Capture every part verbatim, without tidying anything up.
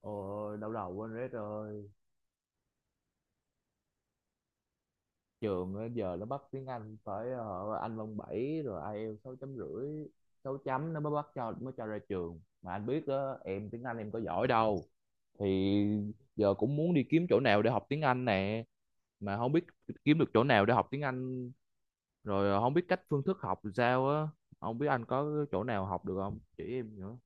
Ôi, đau đầu quên rét rồi. Trường á, giờ nó bắt tiếng Anh phải ờ, Anh văn bảy rồi ai IELTS sáu chấm rưỡi, sáu chấm nó mới bắt cho mới cho ra trường. Mà anh biết đó, em tiếng Anh em có giỏi đâu. Thì giờ cũng muốn đi kiếm chỗ nào để học tiếng Anh nè, mà không biết kiếm được chỗ nào để học tiếng Anh rồi ờ, không biết cách phương thức học làm sao á. Không biết anh có chỗ nào học được không? Chỉ em nữa.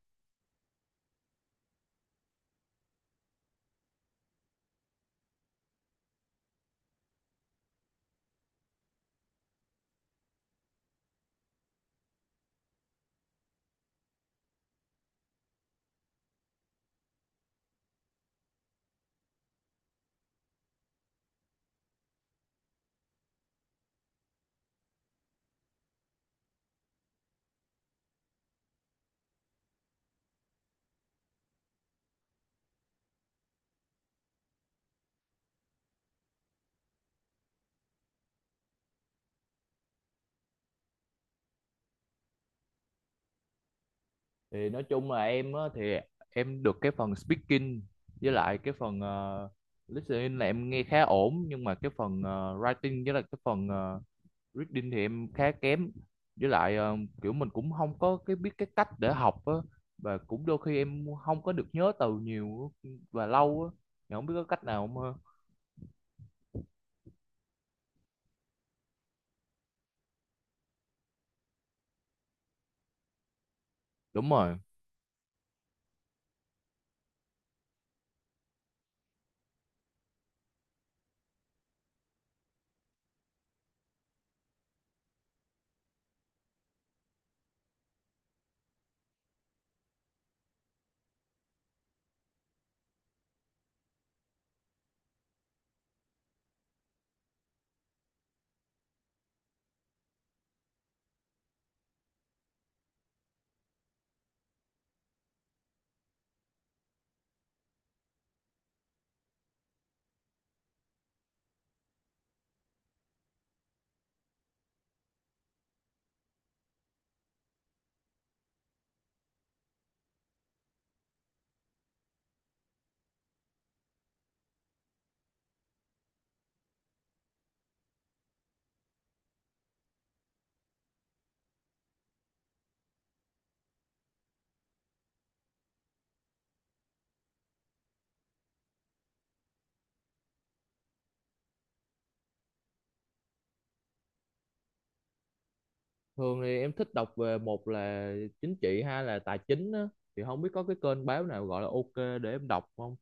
Thì nói chung là em á, thì em được cái phần speaking với lại cái phần ờ, listening là em nghe khá ổn, nhưng mà cái phần ờ, writing với lại cái phần ờ, reading thì em khá kém, với lại ờ, kiểu mình cũng không có cái biết cái cách để học á, và cũng đôi khi em không có được nhớ từ nhiều á, và lâu á. Thì không biết có cách nào không ha. Đúng rồi. Thường thì em thích đọc về một là chính trị, hai là tài chính á, thì không biết có cái kênh báo nào gọi là ok để em đọc không.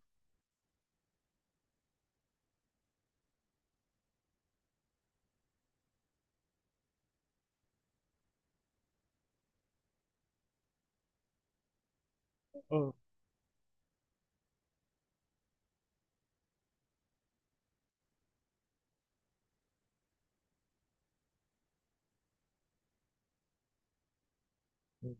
Ừ.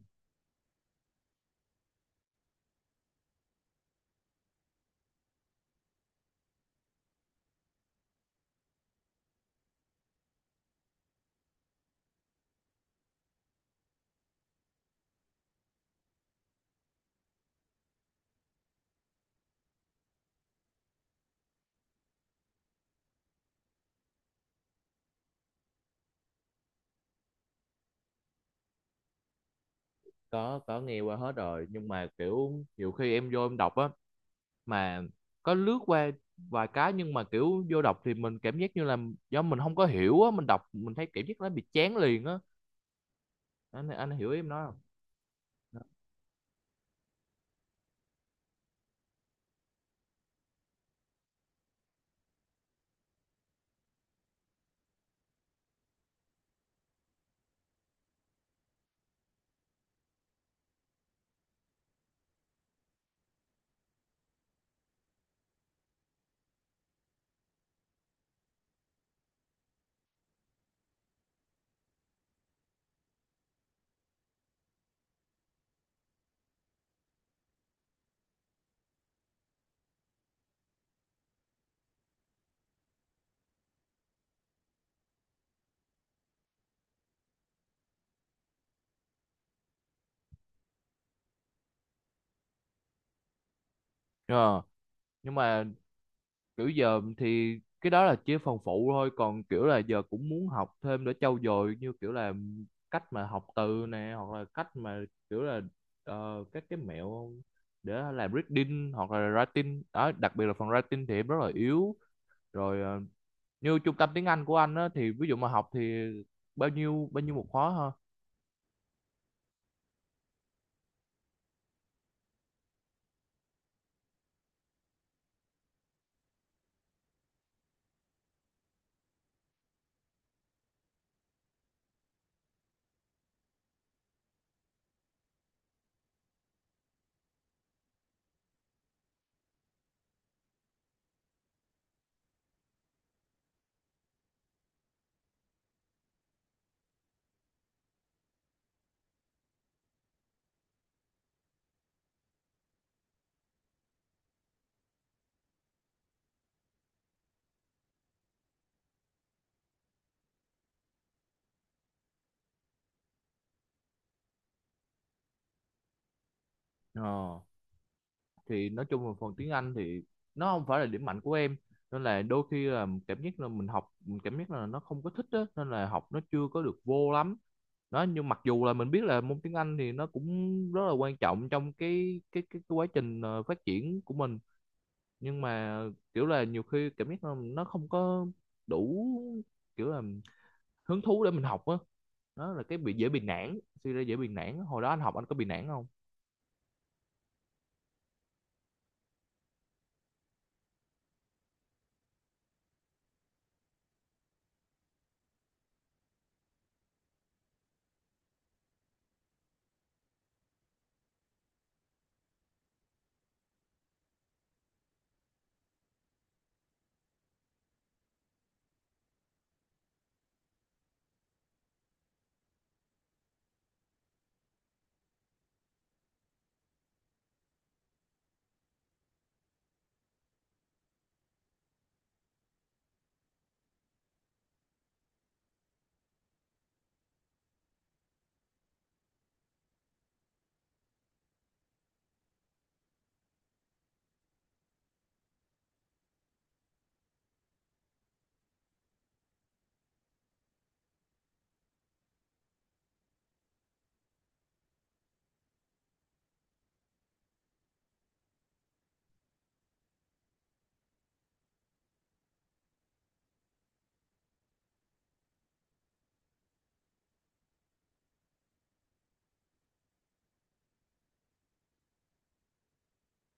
có có nghe qua hết rồi, nhưng mà kiểu nhiều khi em vô em đọc á, mà có lướt qua vài cái, nhưng mà kiểu vô đọc thì mình cảm giác như là do mình không có hiểu á, mình đọc mình thấy cảm giác nó bị chán liền á. Anh anh hiểu ý em nói không? Ờ, nhưng mà kiểu giờ thì cái đó là chỉ phần phụ thôi, còn kiểu là giờ cũng muốn học thêm để trau dồi, như kiểu là cách mà học từ nè, hoặc là cách mà kiểu là ờ, các cái mẹo để làm reading hoặc là writing đó, đặc biệt là phần writing thì em rất là yếu. Rồi ờ, như trung tâm tiếng Anh của anh á, thì ví dụ mà học thì bao nhiêu bao nhiêu một khóa ha? ờ, thì nói chung là phần tiếng Anh thì nó không phải là điểm mạnh của em, nên là đôi khi là cảm giác là mình học mình cảm giác là nó không có thích á, nên là học nó chưa có được vô lắm đó. Nhưng mặc dù là mình biết là môn tiếng Anh thì nó cũng rất là quan trọng trong cái cái cái, cái quá trình ờ, phát triển của mình, nhưng mà kiểu là nhiều khi cảm giác là nó không có đủ kiểu là hứng thú để mình học á. Đó là cái bị dễ bị nản, suy ra dễ bị nản. Hồi đó anh học anh có bị nản không?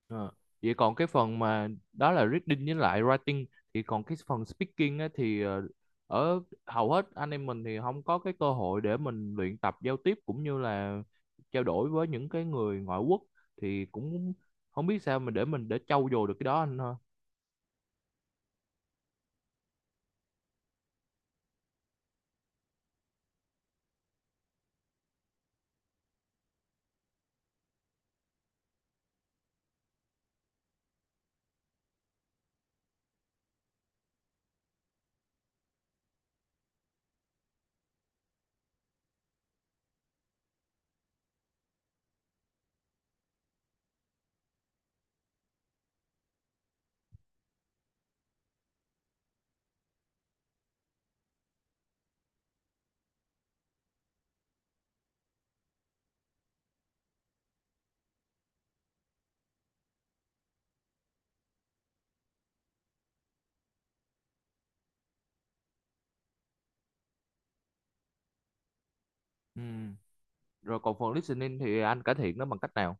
Ờ. Vậy còn cái phần mà đó là reading với lại writing, thì còn cái phần speaking á, thì ờ, ở hầu hết anh em mình thì không có cái cơ hội để mình luyện tập giao tiếp, cũng như là trao đổi với những cái người ngoại quốc, thì cũng không biết sao mà để mình để trau dồi được cái đó anh ha. Ừ. Rồi còn phần listening thì anh cải thiện nó bằng cách nào?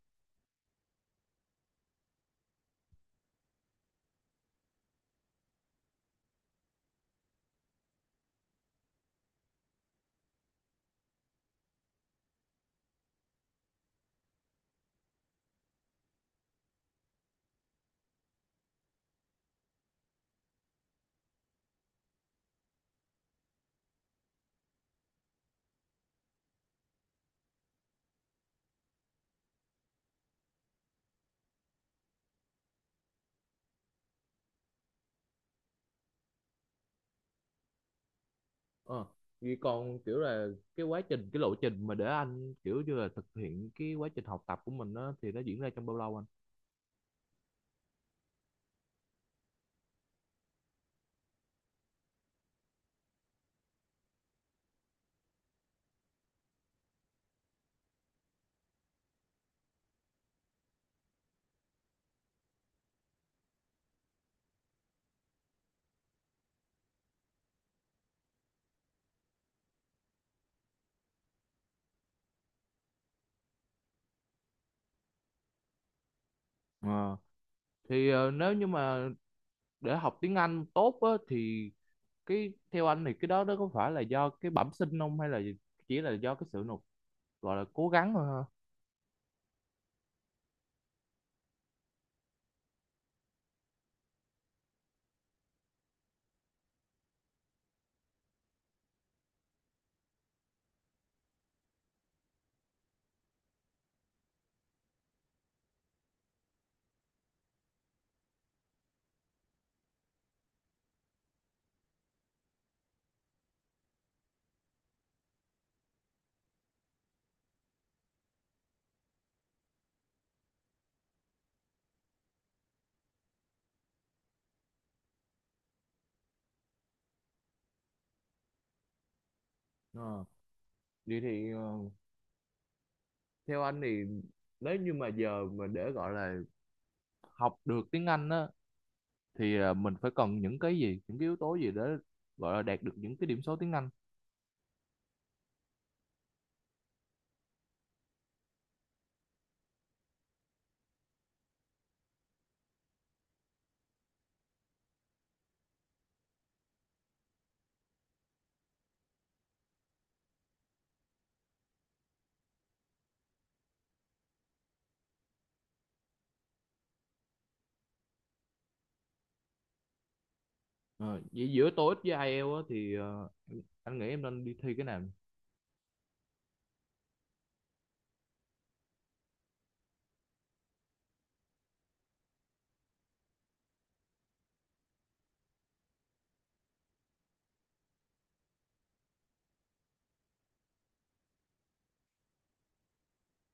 ờ Vậy còn kiểu là cái quá trình, cái lộ trình mà để anh kiểu như là thực hiện cái quá trình học tập của mình đó thì nó diễn ra trong bao lâu anh? Ờ. Thì ờ, nếu như mà để học tiếng Anh tốt á, thì cái theo anh thì cái đó nó có phải là do cái bẩm sinh không, hay là chỉ là do cái sự nỗ gọi là cố gắng thôi ha? Ờ. Vậy thì ờ, theo anh thì nếu như mà giờ mà để gọi là học được tiếng Anh á, thì ờ, mình phải cần những cái gì, những cái yếu tố gì để gọi là đạt được những cái điểm số tiếng Anh? Ờ, gi- giữa toi íc với ai eo á, thì ờ, anh nghĩ em nên đi thi cái nào?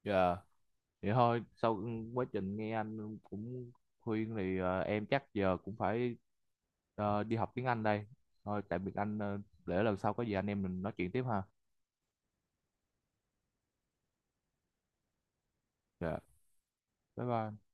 Dạ. Vậy thôi, sau quá trình nghe anh cũng khuyên thì ờ, em chắc giờ cũng phải ờ, đi học tiếng Anh đây. Thôi tạm biệt anh, ờ, để lần sau có gì anh em mình nói chuyện tiếp ha. Dạ, bye bye.